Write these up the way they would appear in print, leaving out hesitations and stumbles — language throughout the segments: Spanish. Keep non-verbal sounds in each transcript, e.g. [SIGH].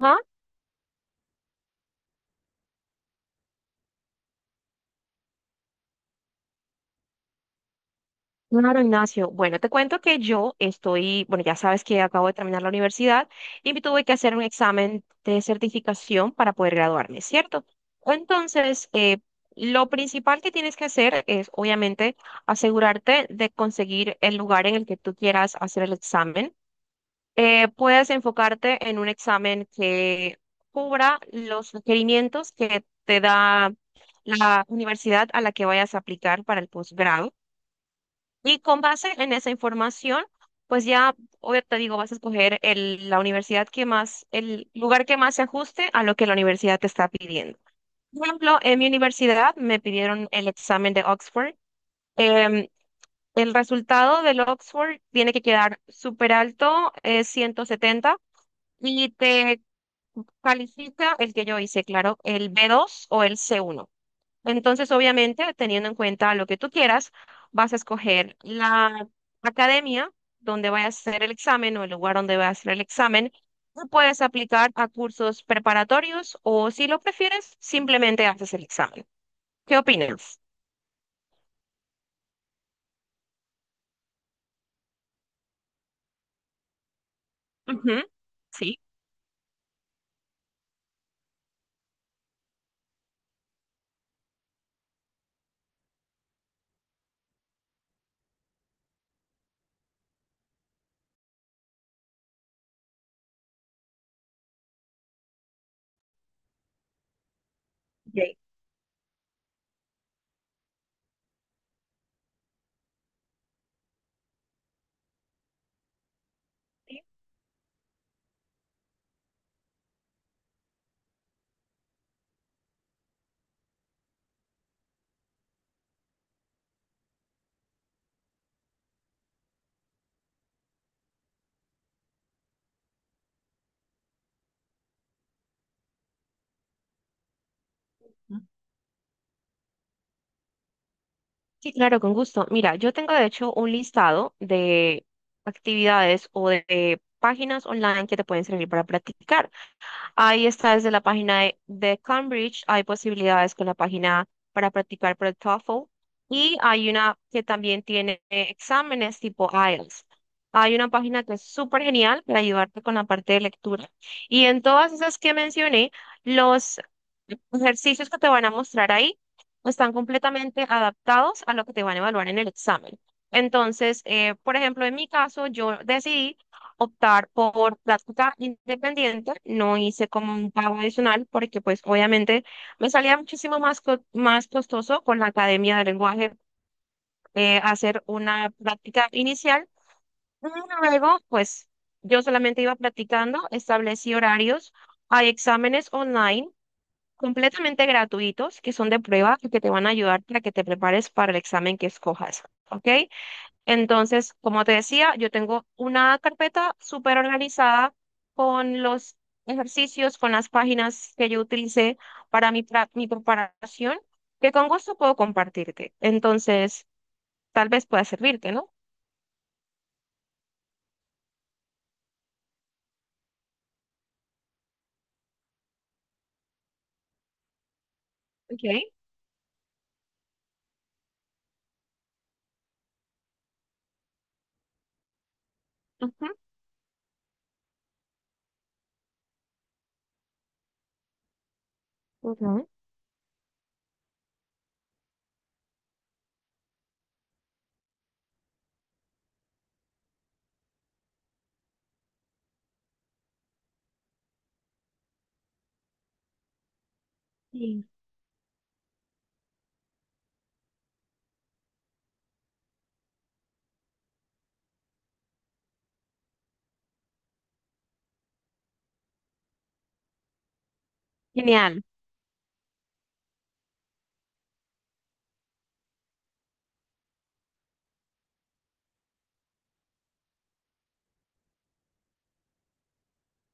Ajá, claro, Ignacio. Bueno, te cuento que yo estoy, bueno, ya sabes que acabo de terminar la universidad y me tuve que hacer un examen de certificación para poder graduarme, ¿cierto? Entonces, lo principal que tienes que hacer es, obviamente, asegurarte de conseguir el lugar en el que tú quieras hacer el examen. Puedes enfocarte en un examen que cubra los requerimientos que te da la universidad a la que vayas a aplicar para el posgrado. Y con base en esa información, pues ya, obvio, te digo, vas a escoger la universidad que más, el lugar que más se ajuste a lo que la universidad te está pidiendo. Por ejemplo, en mi universidad me pidieron el examen de Oxford. Em, el resultado del Oxford tiene que quedar súper alto, es 170 y te califica el que yo hice, claro, el B2 o el C1. Entonces, obviamente, teniendo en cuenta lo que tú quieras, vas a escoger la academia donde vayas a hacer el examen o el lugar donde vayas a hacer el examen. Tú puedes aplicar a cursos preparatorios o, si lo prefieres, simplemente haces el examen. ¿Qué opinas? Ujú. Sí. Ok. Sí, claro, con gusto. Mira, yo tengo de hecho un listado de actividades o de páginas online que te pueden servir para practicar. Ahí está desde la página de Cambridge, hay posibilidades con la página para practicar para el TOEFL y hay una que también tiene exámenes tipo IELTS. Hay una página que es súper genial para ayudarte con la parte de lectura. Y en todas esas que mencioné, los ejercicios que te van a mostrar ahí están completamente adaptados a lo que te van a evaluar en el examen. Entonces, por ejemplo, en mi caso, yo decidí optar por práctica independiente, no hice como un pago adicional porque pues obviamente me salía muchísimo más, más costoso con la academia de lenguaje hacer una práctica inicial. Y Luego pues yo solamente iba practicando, establecí horarios, hay exámenes online completamente gratuitos que son de prueba y que te van a ayudar para que te prepares para el examen que escojas, ¿ok? Entonces, como te decía, yo tengo una carpeta súper organizada con los ejercicios, con las páginas que yo utilicé para mi preparación, que con gusto puedo compartirte. Entonces, tal vez pueda servirte, ¿no? Ok. Ujú, ujú. Sí. Genial.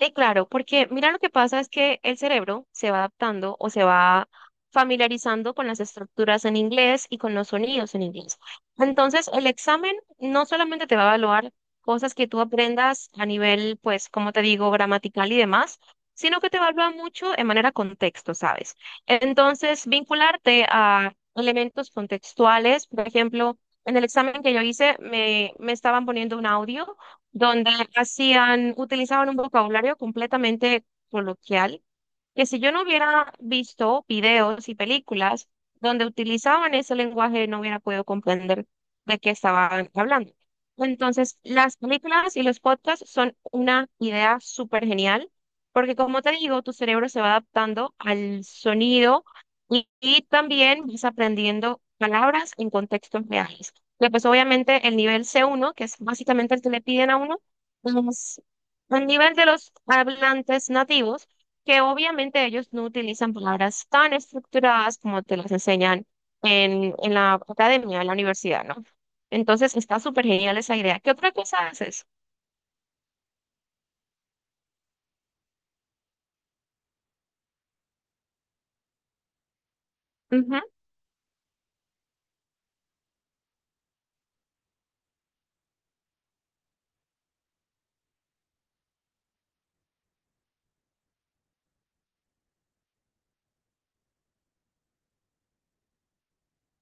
Sí, claro, porque mira lo que pasa es que el cerebro se va adaptando o se va familiarizando con las estructuras en inglés y con los sonidos en inglés. Entonces, el examen no solamente te va a evaluar cosas que tú aprendas a nivel, pues, como te digo, gramatical y demás, sino que te evalúa mucho en manera contexto, ¿sabes? Entonces, vincularte a elementos contextuales, por ejemplo, en el examen que yo hice me estaban poniendo un audio donde hacían, utilizaban un vocabulario completamente coloquial que si yo no hubiera visto videos y películas donde utilizaban ese lenguaje, no hubiera podido comprender de qué estaban hablando. Entonces, las películas y los podcasts son una idea súper genial, porque como te digo, tu cerebro se va adaptando al sonido y también vas aprendiendo palabras en contextos reales. Y pues obviamente el nivel C1 que es básicamente el que le piden a uno, es el nivel de los hablantes nativos que obviamente ellos no utilizan palabras tan estructuradas como te las enseñan en la academia, en la universidad, ¿no? Entonces está súper genial esa idea. ¿Qué otra cosa haces? Ujú.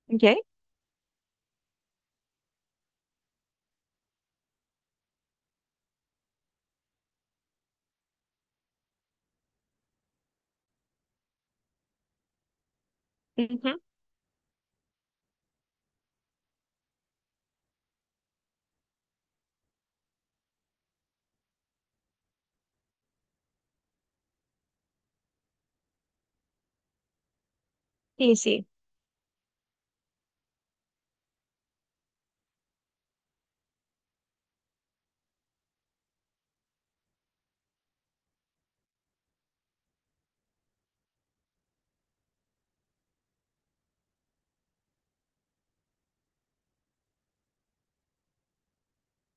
Ok. Ujú. Sí, sí.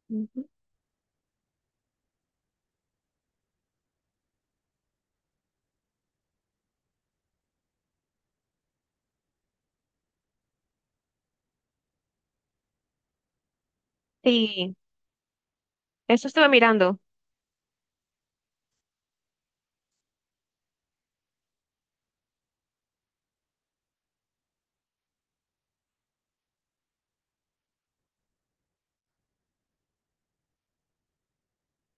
Ujú. Sí, eso estuve mirando.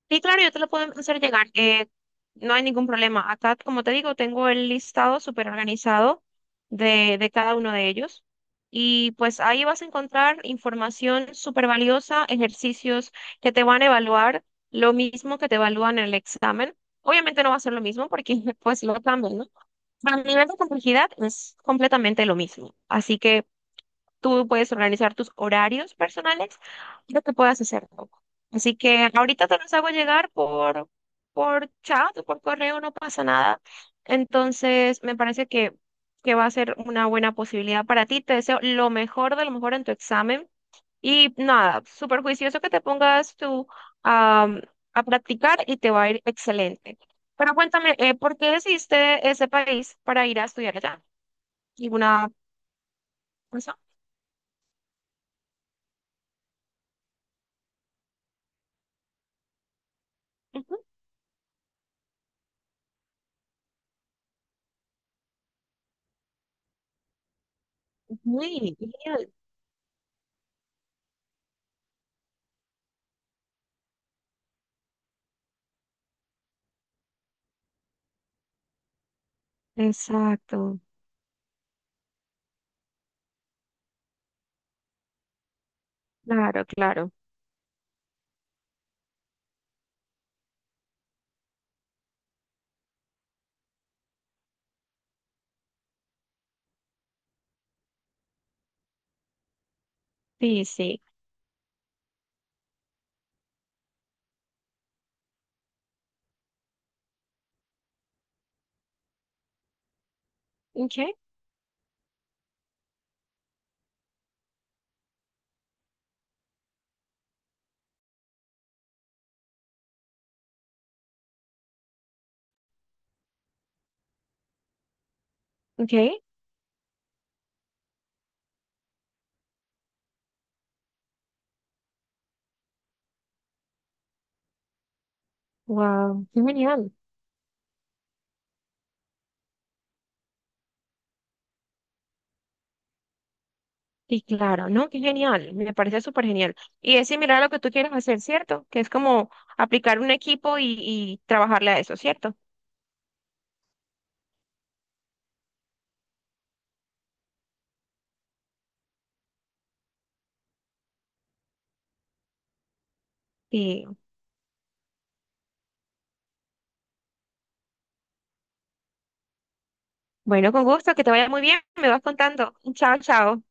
Sí, claro, yo te lo puedo hacer llegar. No hay ningún problema. Acá, como te digo, tengo el listado súper organizado de cada uno de ellos. Y pues ahí vas a encontrar información súper valiosa, ejercicios que te van a evaluar, lo mismo que te evalúan en el examen. Obviamente no va a ser lo mismo porque [LAUGHS] pues lo cambian, ¿no? Pero a nivel de complejidad es completamente lo mismo. Así que tú puedes organizar tus horarios personales, lo que puedas hacer tú. Así que ahorita te los hago llegar por chat o por correo, no pasa nada. Entonces, me parece que va a ser una buena posibilidad para ti. Te deseo lo mejor de lo mejor en tu examen. Y nada, súper juicioso que te pongas tú am, a practicar y te va a ir excelente. Pero cuéntame, ¿por qué decidiste ese país para ir a estudiar allá? ¿Alguna razón? Ujú. Muy bien. Exacto, claro, claro. Sí, sí. Ok, ok. Wow, qué genial. Sí, claro, no, qué genial. Me parece súper genial. Y es similar a lo que tú quieres hacer, ¿cierto? Que es como aplicar un equipo y trabajarle a eso, ¿cierto? Sí. Bueno, con gusto, que te vaya muy bien. Me vas contando. Chao, chao.